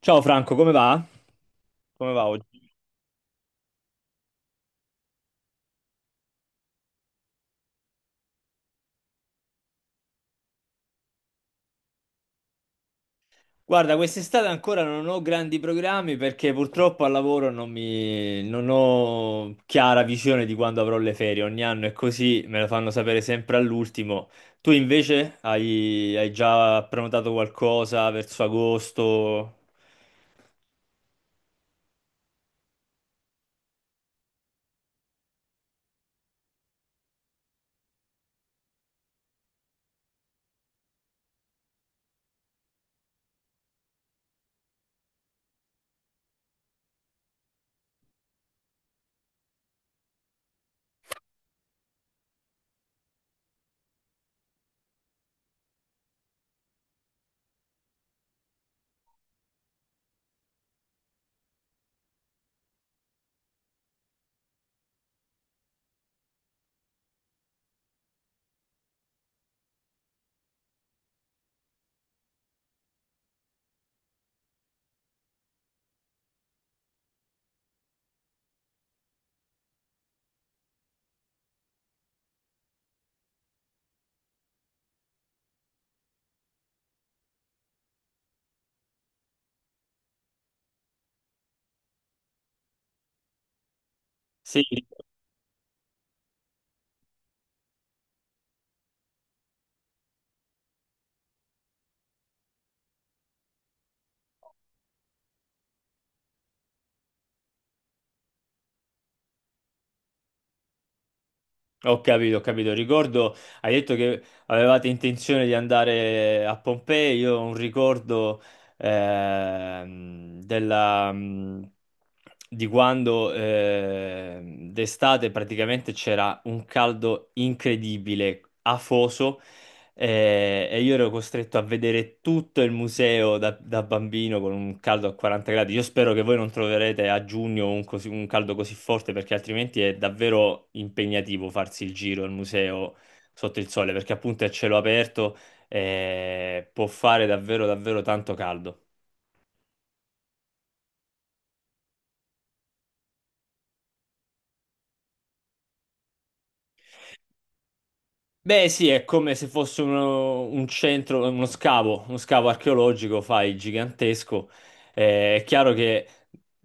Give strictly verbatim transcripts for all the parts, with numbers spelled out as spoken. Ciao Franco, come va? Come va oggi? Guarda, quest'estate ancora non ho grandi programmi perché purtroppo al lavoro non mi... non ho chiara visione di quando avrò le ferie. Ogni anno è così, me lo fanno sapere sempre all'ultimo. Tu invece hai, hai già prenotato qualcosa verso agosto? Sì. Ho capito, ho capito. Ricordo, hai detto che avevate intenzione di andare a Pompei. Io ho un ricordo ehm, della, mh, di quando ehm, d'estate praticamente c'era un caldo incredibile, afoso, eh, E, io ero costretto a vedere tutto il museo da, da bambino con un caldo a quaranta gradi. Io spero che voi non troverete a giugno un, così- un caldo così forte, perché altrimenti è davvero impegnativo farsi il giro al museo sotto il sole, perché appunto è a cielo aperto e può fare davvero davvero tanto caldo. Beh, sì, è come se fosse uno- un centro, uno scavo, uno scavo archeologico, fai, gigantesco. Eh, è chiaro che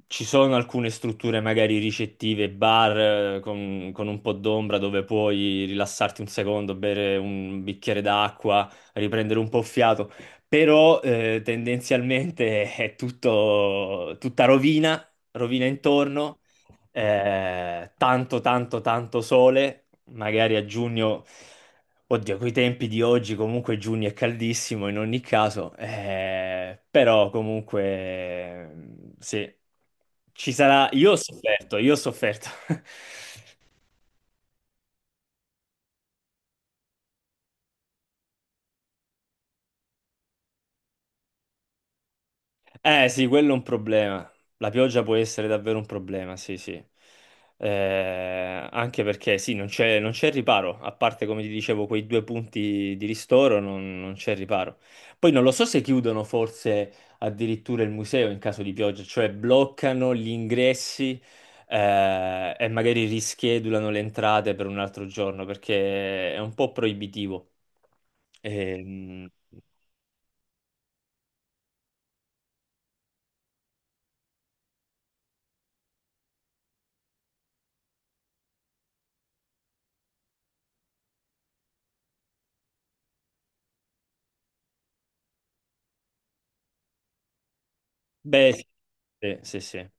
ci sono alcune strutture magari ricettive, bar eh, con, con un po' d'ombra dove puoi rilassarti un secondo, bere un bicchiere d'acqua, riprendere un po' fiato, però eh, tendenzialmente è tutto, tutta rovina, rovina intorno, eh, tanto, tanto, tanto sole magari a giugno. Oddio, coi tempi di oggi comunque giugno è caldissimo in ogni caso, eh, però comunque sì, ci sarà. Io ho sofferto, io ho sofferto. Eh sì, quello è un problema. La pioggia può essere davvero un problema, sì, sì. Eh, anche perché sì, non c'è non c'è riparo, a parte come ti dicevo quei due punti di ristoro, non, non c'è riparo. Poi non lo so se chiudono forse addirittura il museo in caso di pioggia, cioè bloccano gli ingressi, eh, e magari rischedulano le entrate per un altro giorno perché è un po' proibitivo. Ehm, beh, sì, sì, sì. Sì.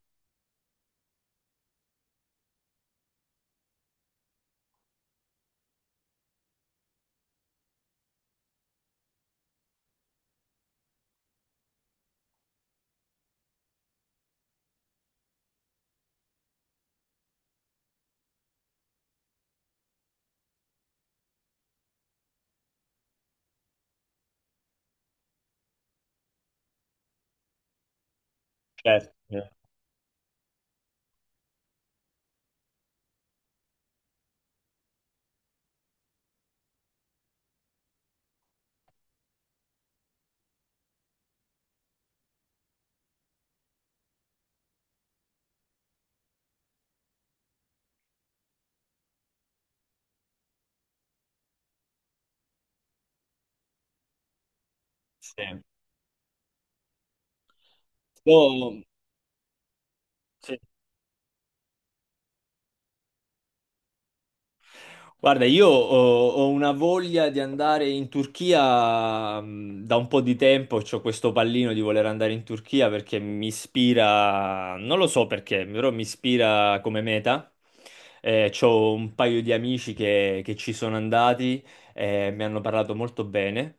Certo. Sì. Io- sì. Guarda, io ho, ho una voglia di andare in Turchia mh, da un po' di tempo, ho questo pallino di voler andare in Turchia perché mi ispira, non lo so perché, però mi ispira come meta. Eh, c'ho un paio di amici che, che ci sono andati e mi hanno parlato molto bene.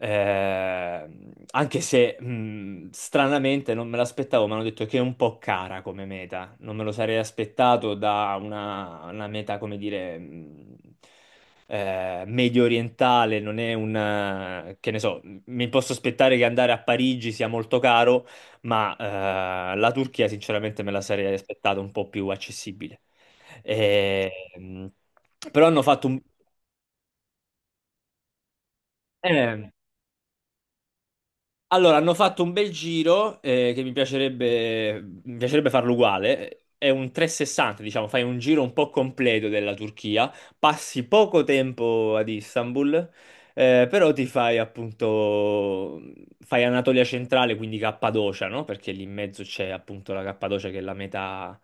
Ehm, anche se mh, stranamente non me l'aspettavo, mi hanno detto che è un po' cara come meta. Non me lo sarei aspettato da una, una meta, come dire, mh, eh, medio orientale. Non è un eh, che ne so, mi posso aspettare che andare a Parigi sia molto caro, ma eh, la Turchia, sinceramente, me la sarei aspettata un po' più accessibile. Ehm, però hanno fatto un. eh, Allora, hanno fatto un bel giro, eh, che mi piacerebbe, mi piacerebbe farlo uguale. È un trecentosessanta, diciamo, fai un giro un po' completo della Turchia, passi poco tempo ad Istanbul, eh, però ti fai appunto, fai Anatolia centrale, quindi Cappadocia, no? Perché lì in mezzo c'è appunto la Cappadocia che è la metà,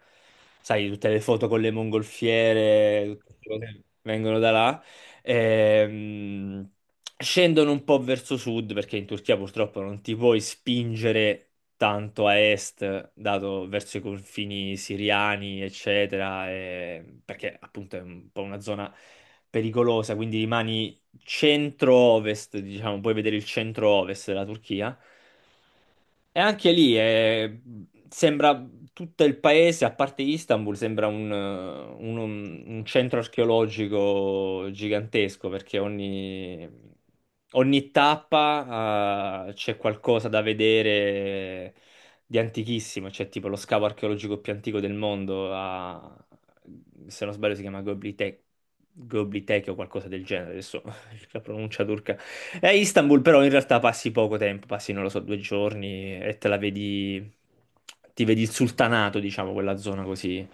sai, tutte le foto con le mongolfiere, tutte queste cose che vengono da là. Ehm, scendono un po' verso sud, perché in Turchia purtroppo non ti puoi spingere tanto a est, dato verso i confini siriani, eccetera, e- perché appunto è un po' una zona pericolosa, quindi rimani centro-ovest, diciamo, puoi vedere il centro-ovest della Turchia. E anche lì, eh, sembra tutto il paese, a parte Istanbul, sembra un, eh, un- un centro archeologico gigantesco, perché ogni, ogni tappa, eh, c'è qualcosa da vedere di antichissimo. C'è tipo lo scavo archeologico più antico del mondo, a- se non sbaglio si chiama Göbekli Te- Göbekli Tepe o qualcosa del genere. Adesso la pronuncia turca. È Istanbul, però in realtà passi poco tempo, passi, non lo so, due giorni e te la vedi, ti vedi il sultanato, diciamo, quella zona così,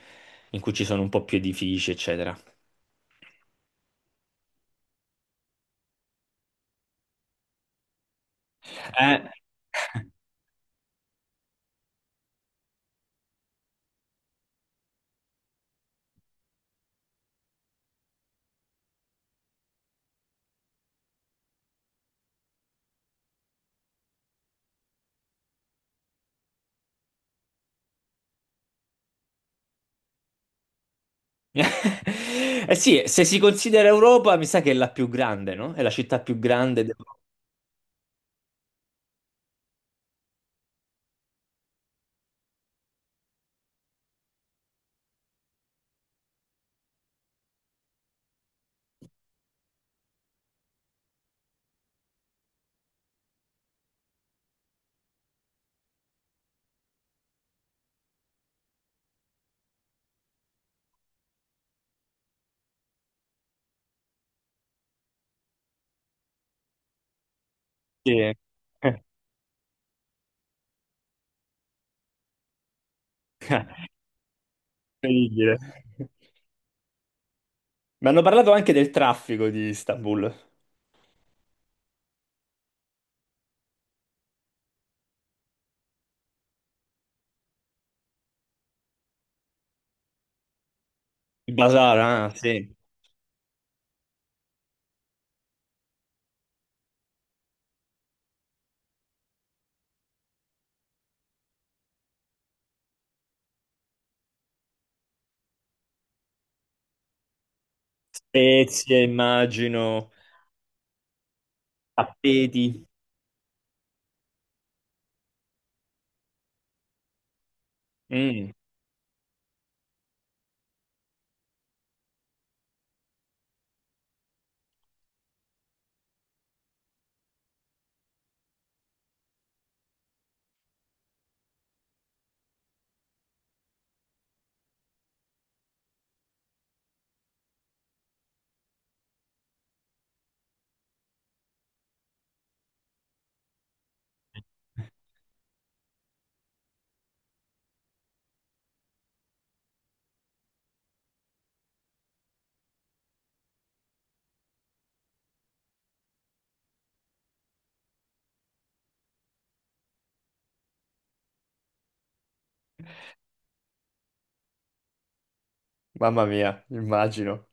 in cui ci sono un po' più edifici, eccetera. Eh, eh sì, se si considera Europa, mi sa che è la più grande, no? È la città più grande d'Europa. Sì, è incredibile. Mi hanno parlato anche del traffico di Istanbul. Il bazar, ah, sì. Spezie, immagino, tappeti. Mm. Mamma mia, immagino.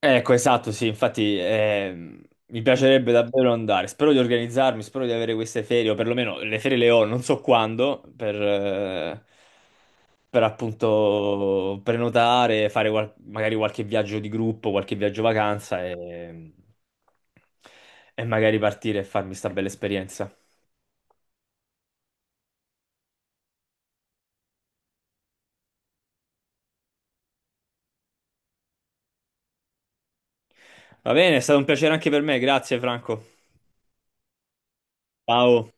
Ecco, esatto, sì, infatti ehm, mi piacerebbe davvero andare. Spero di organizzarmi, spero di avere queste ferie, o perlomeno le ferie le ho, non so quando, per, eh, per appunto prenotare, fare qual- magari qualche viaggio di gruppo, qualche viaggio vacanza e, e magari partire e farmi sta bella esperienza. Va bene, è stato un piacere anche per me, grazie Franco. Ciao.